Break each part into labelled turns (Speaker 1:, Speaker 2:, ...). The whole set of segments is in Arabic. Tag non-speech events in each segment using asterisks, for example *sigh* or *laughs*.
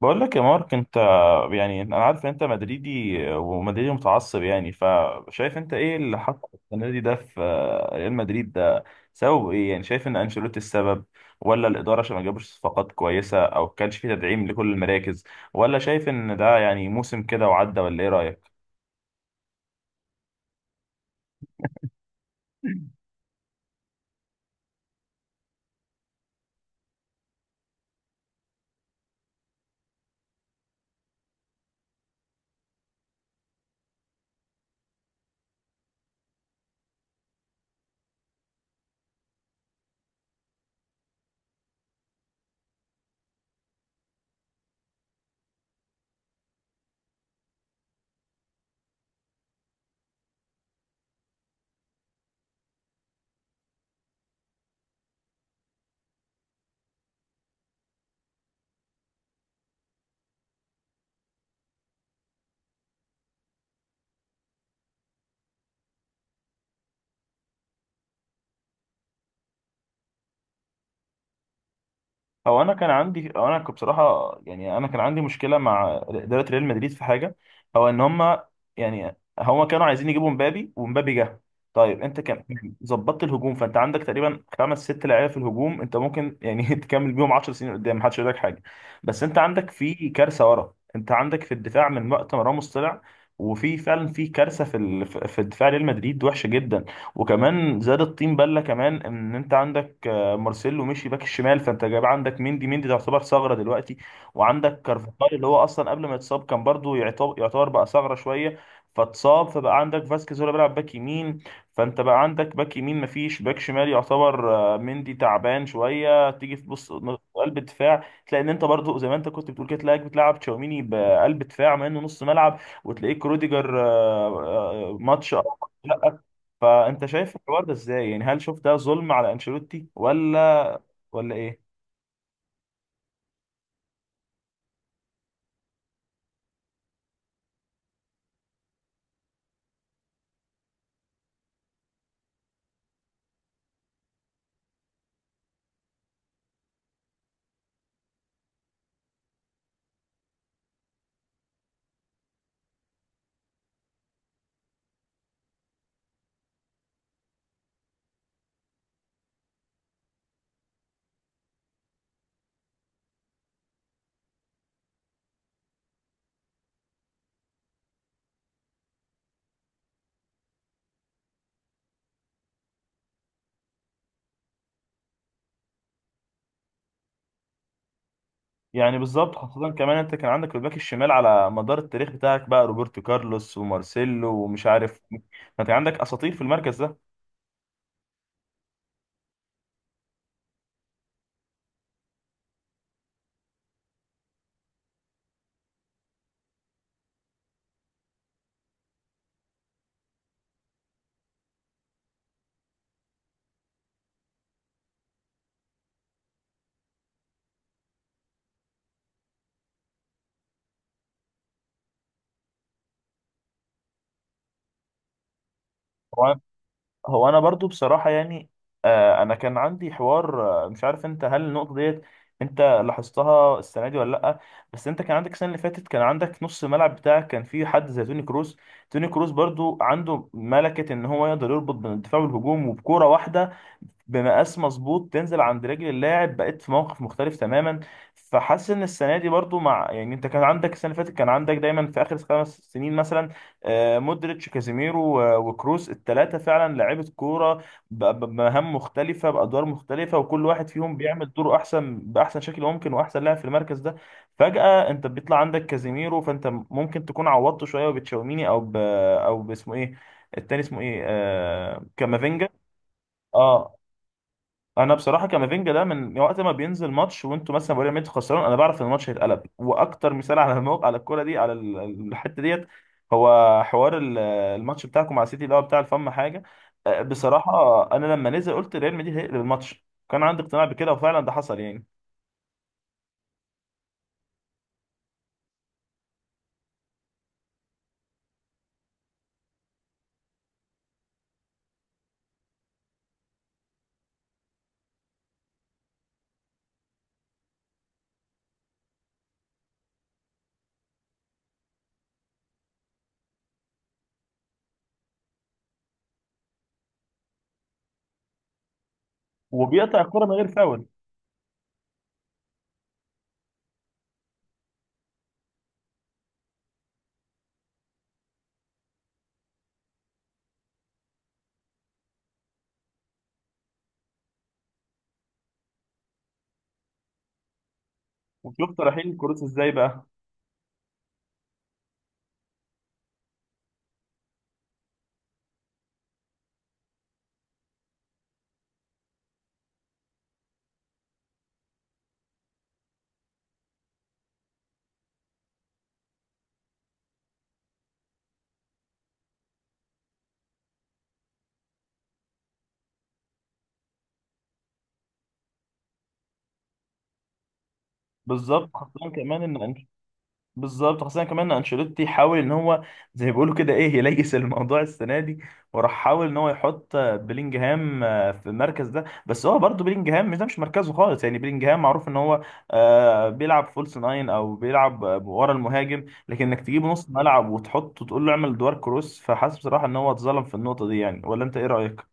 Speaker 1: بقول لك يا مارك انت. يعني انا عارف ان انت مدريدي ومدريدي متعصب، يعني فشايف انت ايه اللي حصل السنه دي ده في ريال مدريد ده؟ سبب ايه؟ يعني شايف ان انشيلوتي السبب ولا الاداره عشان ما جابش صفقات كويسه او كانش في تدعيم لكل المراكز، ولا شايف ان ده يعني موسم كده وعدى؟ ولا ايه رايك؟ هو انا كنت بصراحه، يعني انا كان عندي مشكله مع اداره ريال مدريد في حاجه، هو ان هم يعني هم كانوا عايزين يجيبوا مبابي ومبابي جه. طيب انت كان يعني ظبطت الهجوم، فانت عندك تقريبا خمس ست لعيبه في الهجوم، انت ممكن يعني *laughs* تكمل بيهم 10 سنين قدام محدش يقول لك حاجه. بس انت عندك في كارثه ورا، انت عندك في الدفاع من وقت ما راموس طلع، وفي فعلا في كارثه في ال- في في دفاع ريال مدريد وحشه جدا. وكمان زاد الطين بله، كمان ان انت عندك مارسيلو مشي باك الشمال، فانت جايب عندك مندي، مندي تعتبر ثغره دلوقتي، وعندك كارفاخال اللي هو اصلا قبل ما يتصاب كان برضو يعتبر بقى ثغره شويه، فاتصاب، فبقى عندك فاسكيز هو اللي بيلعب باك يمين، فانت بقى عندك باك يمين مفيش باك شمال يعتبر، مندي تعبان شويه، تيجي في بص قلب الدفاع تلاقي ان انت برضو زي ما انت كنت بتقول كده، تلاقيك بتلعب تشاوميني بقلب دفاع مع انه نص ملعب، وتلاقيك روديجر ماتش لا. فانت شايف الحوار ده ازاي؟ يعني هل شوف ده ظلم على انشيلوتي ولا ايه؟ يعني بالظبط، خاصة كمان انت كان عندك الباك الشمال على مدار التاريخ بتاعك بقى روبرتو كارلوس ومارسيلو ومش عارف مين. ما انت عندك اساطير في المركز ده. هو انا برضو بصراحه، يعني انا كان عندي حوار، مش عارف انت هل النقطه ديت انت لاحظتها السنه دي ولا لا؟ بس انت كان عندك السنه اللي فاتت كان عندك نص الملعب بتاعك كان فيه حد زي توني كروس. توني كروس برضو عنده ملكه ان هو يقدر يربط بين الدفاع والهجوم، وبكوره واحده بمقاس مظبوط تنزل عند رجل اللاعب بقيت في موقف مختلف تماما. فحاسس ان السنه دي برضو مع يعني انت كان عندك السنه اللي فاتت كان عندك دايما في اخر خمس سنين مثلا مودريتش، كازيميرو و- وكروس، الثلاثه فعلا لعيبه كوره ب- ب- بمهام مختلفه، بادوار مختلفه، وكل واحد فيهم بيعمل دوره احسن باحسن شكل ممكن، واحسن لاعب في المركز ده. فجاه انت بيطلع عندك كازيميرو، فانت ممكن تكون عوضته شويه وبتشاوميني او باسمه ايه، التاني اسمه ايه، كامافينجا. اه، انا بصراحه كامافينجا ده من وقت ما بينزل ماتش وانتوا مثلا بايرن ميونخ خسران، انا بعرف ان الماتش هيتقلب. واكتر مثال على الموقع على الكوره دي الحته ديت، هو حوار الماتش بتاعكم مع سيتي اللي هو بتاع الفم حاجه. بصراحه انا لما نزل قلت ريال مدريد هيقلب الماتش، كان عندي اقتناع بكده وفعلا ده حصل يعني. وبيقطع الكوره من غير فاول. وشفت رحيل كروس ازاي بقى. بالظبط خاصه كمان ان بالظبط خاصة كمان انشيلوتي حاول ان هو زي ما بيقولوا كده ايه يليس الموضوع السنة دي، وراح حاول ان هو يحط بلينجهام في المركز ده، بس هو برضه بلينجهام مش، ده مش مركزه خالص يعني. بلينجهام معروف ان هو بيلعب فولس ناين او بيلعب ورا المهاجم، لكن انك تجيبه نص ملعب وتحطه تقول له اعمل دوار كروس، فحاسس بصراحة ان هو اتظلم في النقطة دي، يعني ولا انت ايه رأيك؟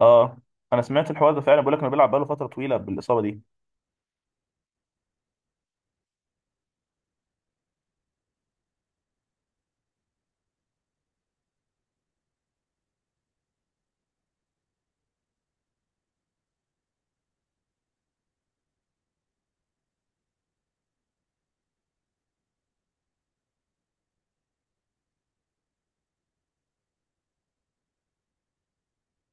Speaker 1: اه، انا سمعت الحوار ده فعلا، بقول لك انه بيلعب بقاله فترة طويلة بالاصابة دي.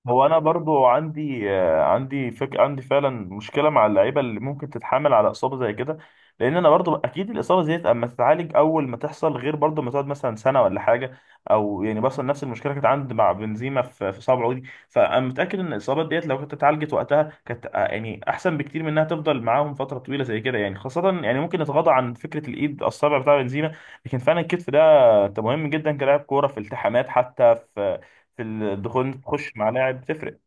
Speaker 1: هو انا برضو عندي آه، عندي فك عندي فعلا مشكله مع اللعيبه اللي ممكن تتحمل على اصابه زي كده، لان انا برضو اكيد الاصابه ديت اما تتعالج اول ما تحصل غير برضو ما تقعد مثلا سنه ولا حاجه، او يعني مثلا نفس المشكله كانت عندي مع بنزيما في صابعه دي. فانا متاكد ان الاصابات ديت لو كانت اتعالجت وقتها كانت، يعني احسن بكتير من انها تفضل معاهم فتره طويله زي كده يعني. خاصه يعني ممكن نتغاضى عن فكره الايد، الصابع بتاع بنزيما، لكن فعلا الكتف ده مهم جدا كلاعب كوره في التحامات، حتى في الدخول، انت تخش مع لاعب تفرق.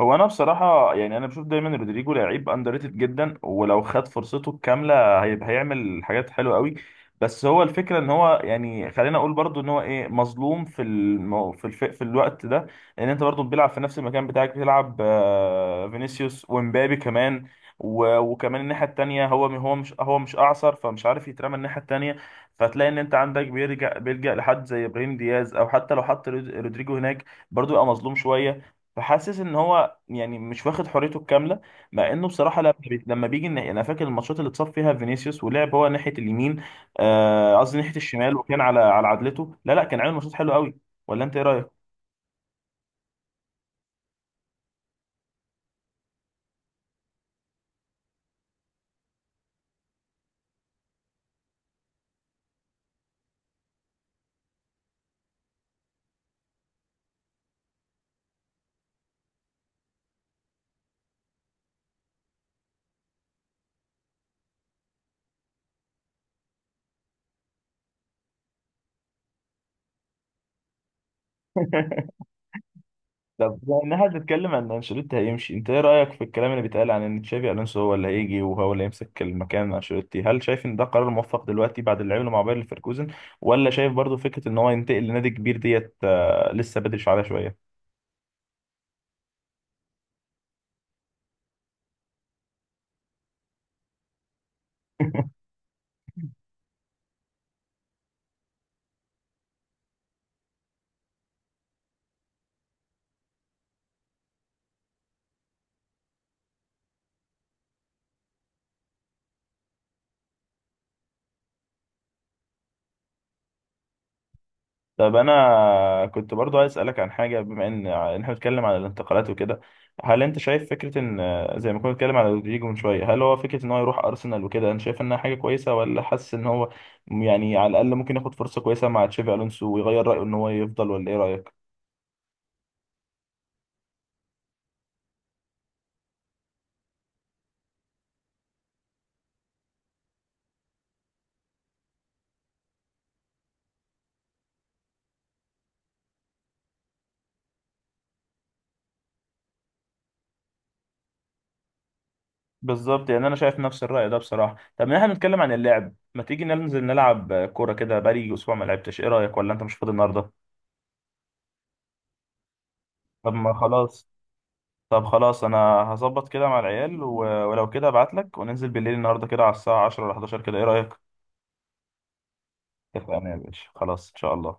Speaker 1: هو انا بصراحه يعني انا بشوف دايما رودريجو لعيب اندر ريتد جدا، ولو خد فرصته الكامله هيبقى هيعمل حاجات حلوه قوي. بس هو الفكره ان هو يعني خلينا اقول برضو ان هو ايه مظلوم في الم... في الف... في الوقت ده، لان انت برضو بيلعب في نفس المكان بتاعك بيلعب فينيسيوس ومبابي كمان و... وكمان الناحيه التانيه، هو مش اعصر، فمش عارف يترمى الناحيه التانيه. فتلاقي ان انت عندك بيرجع بيلجأ لحد زي ابراهيم دياز، او حتى لو حط رودريجو هناك برضو يبقى مظلوم شويه. فحاسس ان هو يعني مش واخد حريته الكامله، مع انه بصراحه لما بيجي انا فاكر الماتشات اللي اتصاب فيها فينيسيوس ولعب هو ناحيه اليمين، قصدي ناحيه الشمال، وكان على عدلته لا لا كان عامل ماتشات حلوه قوي. ولا انت ايه رايك؟ *laughs* طب بما انها بتتكلم عن إن انشيلوتي هيمشي، انت ايه رايك في الكلام اللي بيتقال عن ان تشافي الونسو هو اللي هيجي وهو اللي يمسك المكان انشيلوتي؟ هل شايف ان ده قرار موفق دلوقتي بعد اللي عمله مع باير ليفركوزن، ولا شايف برضو فكره ان هو ينتقل لنادي كبير ديت لسه بدري عليها شويه؟ *laughs* طب انا كنت برضو عايز اسالك عن حاجه، بما ان إن احنا بنتكلم عن الانتقالات وكده، هل انت شايف فكره ان زي ما كنا بنتكلم على رودريجو من شويه، هل هو فكره ان هو يروح ارسنال وكده انت شايف انها حاجه كويسه، ولا حاسس ان هو يعني على الاقل ممكن ياخد فرصه كويسه مع تشافي الونسو ويغير رايه ان هو يفضل؟ ولا ايه رايك؟ بالظبط، يعني انا شايف نفس الراي ده بصراحه. طب إن احنا بنتكلم عن اللعب، ما تيجي ننزل نلعب كوره كده، بقالي اسبوع ما لعبتش، ايه رايك؟ ولا انت مش فاضي النهارده؟ طب ما خلاص، طب خلاص انا هظبط كده مع العيال ولو كده ابعت لك، وننزل بالليل النهارده كده على الساعه 10 ولا 11، كده ايه رايك؟ اتفقنا يا باشا، خلاص ان شاء الله.